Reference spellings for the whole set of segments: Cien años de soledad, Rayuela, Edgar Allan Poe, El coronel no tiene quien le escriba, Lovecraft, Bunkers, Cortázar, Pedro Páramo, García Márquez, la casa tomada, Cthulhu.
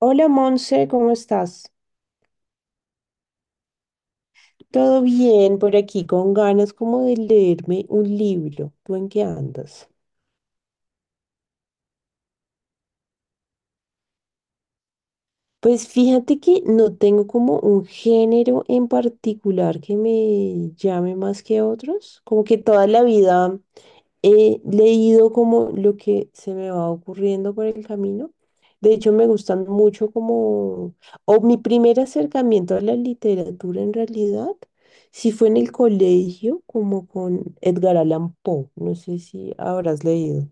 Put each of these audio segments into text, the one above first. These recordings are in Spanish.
Hola Monse, ¿cómo estás? Todo bien por aquí, con ganas como de leerme un libro. ¿Tú en qué andas? Pues fíjate que no tengo como un género en particular que me llame más que otros. Como que toda la vida he leído como lo que se me va ocurriendo por el camino. De hecho, me gustan mucho como, o mi primer acercamiento a la literatura en realidad, sí fue en el colegio, como con Edgar Allan Poe. No sé si habrás leído.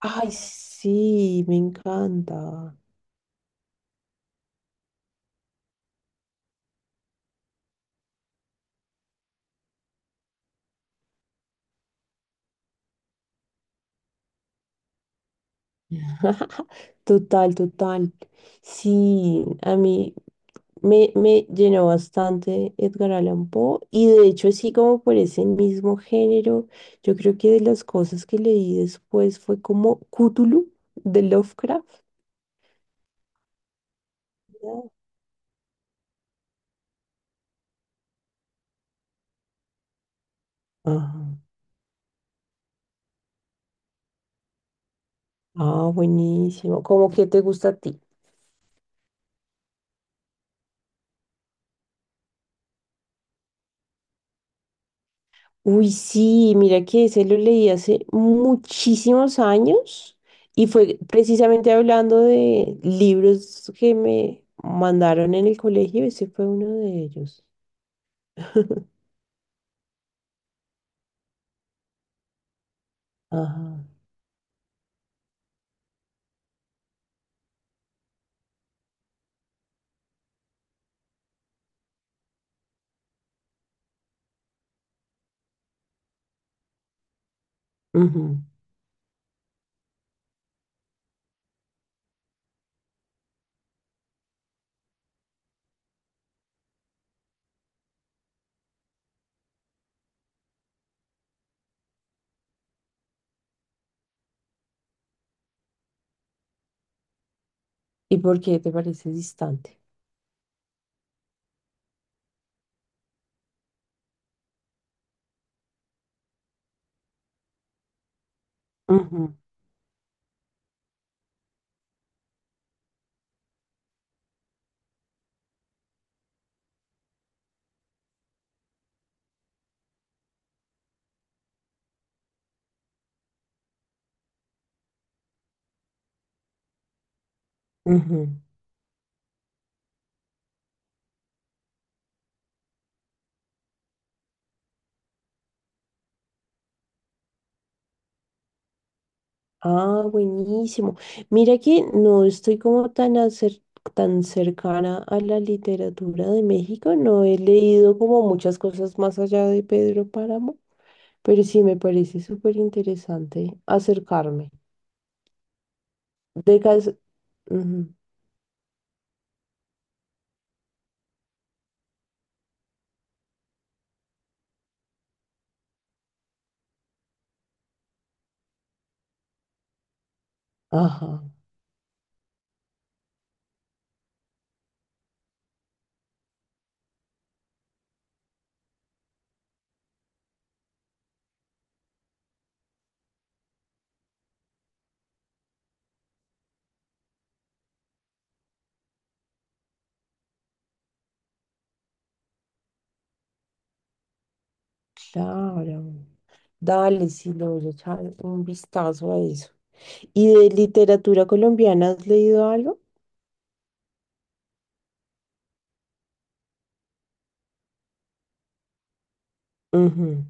Ay, sí, me encanta. Total, total. Sí, a mí me llenó bastante Edgar Allan Poe y de hecho así como por ese mismo género, yo creo que de las cosas que leí después fue como Cthulhu de Lovecraft. Ah, ah, buenísimo. ¿Cómo que te gusta a ti? Uy, sí, mira que ese lo leí hace muchísimos años y fue precisamente hablando de libros que me mandaron en el colegio, ese fue uno de ellos. Ajá. Ujú. ¿Y por qué te parece distante? Ujú. Ujú. Ah, buenísimo. Mira que no estoy como tan, tan cercana a la literatura de México, no he leído como muchas cosas más allá de Pedro Páramo, pero sí me parece súper interesante acercarme. De cas- Ujú. Ajá, claro. Dale, sí, le voy a echar un vistazo a eso. ¿Y de literatura colombiana has leído algo? Ujú,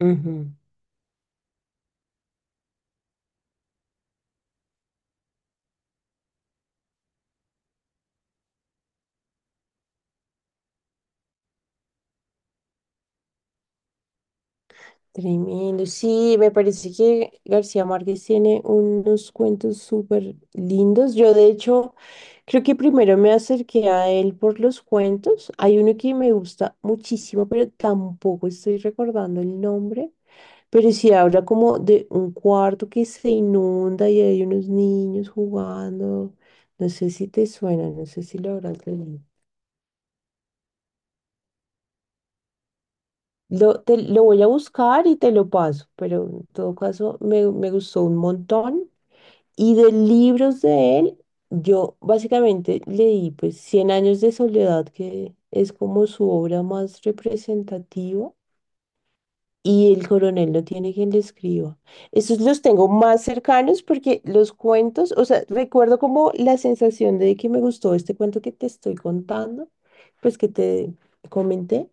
ujú. Tremendo. Sí, me parece que García Márquez tiene unos cuentos súper lindos. Yo, de hecho, creo que primero me acerqué a él por los cuentos. Hay uno que me gusta muchísimo, pero tampoco estoy recordando el nombre. Pero sí habla como de un cuarto que se inunda y hay unos niños jugando. No sé si te suena, no sé si lo habrás leído. Lo voy a buscar y te lo paso, pero en todo caso me gustó un montón. Y de libros de él, yo básicamente leí pues Cien años de soledad, que es como su obra más representativa, y El coronel no tiene quien le escriba. Esos los tengo más cercanos porque los cuentos, o sea, recuerdo como la sensación de que me gustó este cuento que te estoy contando, pues que te comenté.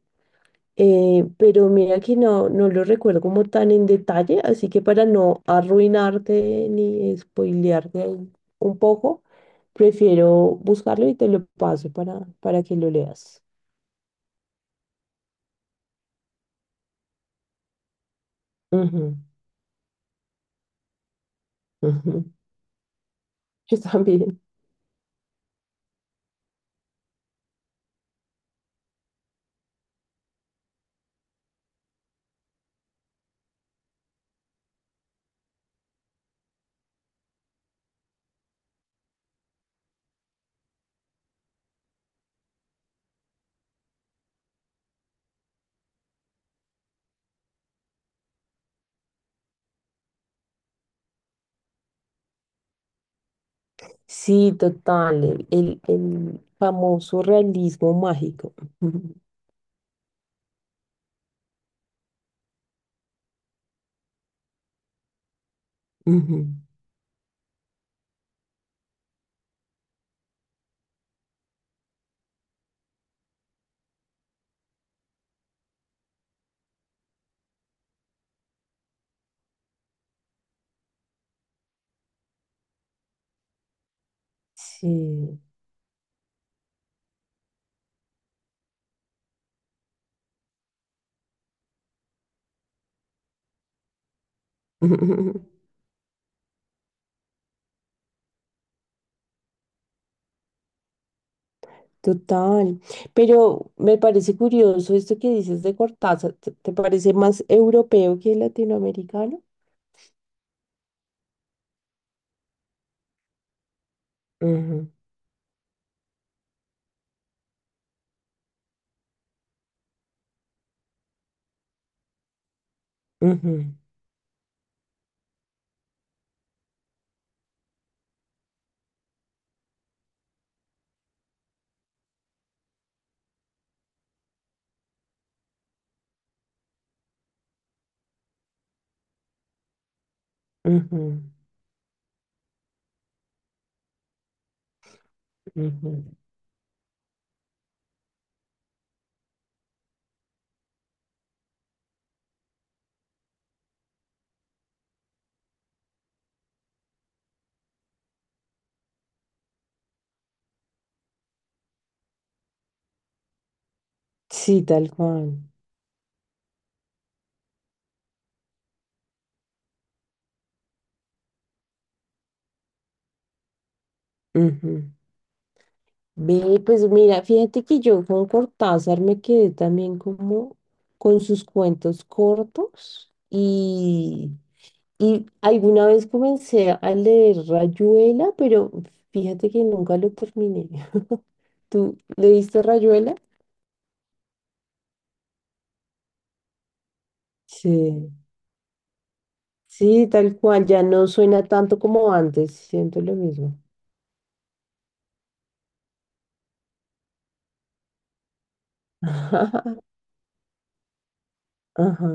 Pero mira que no lo recuerdo como tan en detalle, así que para no arruinarte ni spoilearte ahí un poco, prefiero buscarlo y te lo paso para que lo leas. Ujú, ujú. Yo también. Sí, total, el famoso realismo mágico. Ujú, ujú. Sí. Total, pero me parece curioso esto que dices de Cortázar, te parece más europeo que latinoamericano? Ujú, ujú, ujú, ujú. Sí, tal cual. Ujú. Ve, pues mira, fíjate que yo con Cortázar me quedé también como con sus cuentos cortos y alguna vez comencé a leer Rayuela, pero fíjate que nunca lo terminé. ¿Tú leíste Rayuela? Sí, sí, tal cual, ya no suena tanto como antes, siento lo mismo. Ajá,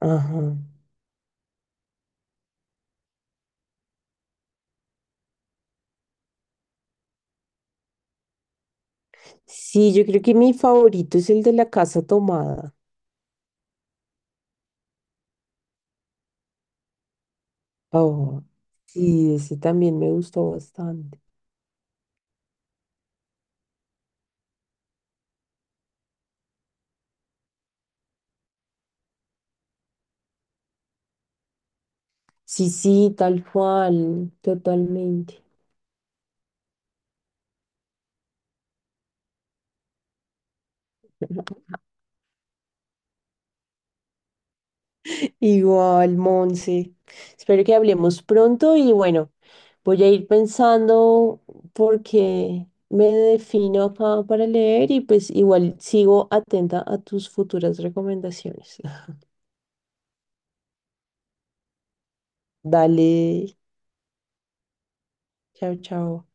ajá. Sí, yo creo que mi favorito es el de la casa tomada. Oh, sí, ese también me gustó bastante. Sí, sí, tal cual, totalmente. Igual, Monse. Espero que hablemos pronto y bueno, voy a ir pensando porque me defino acá para leer y pues igual sigo atenta a tus futuras recomendaciones. Dale, chao, chao.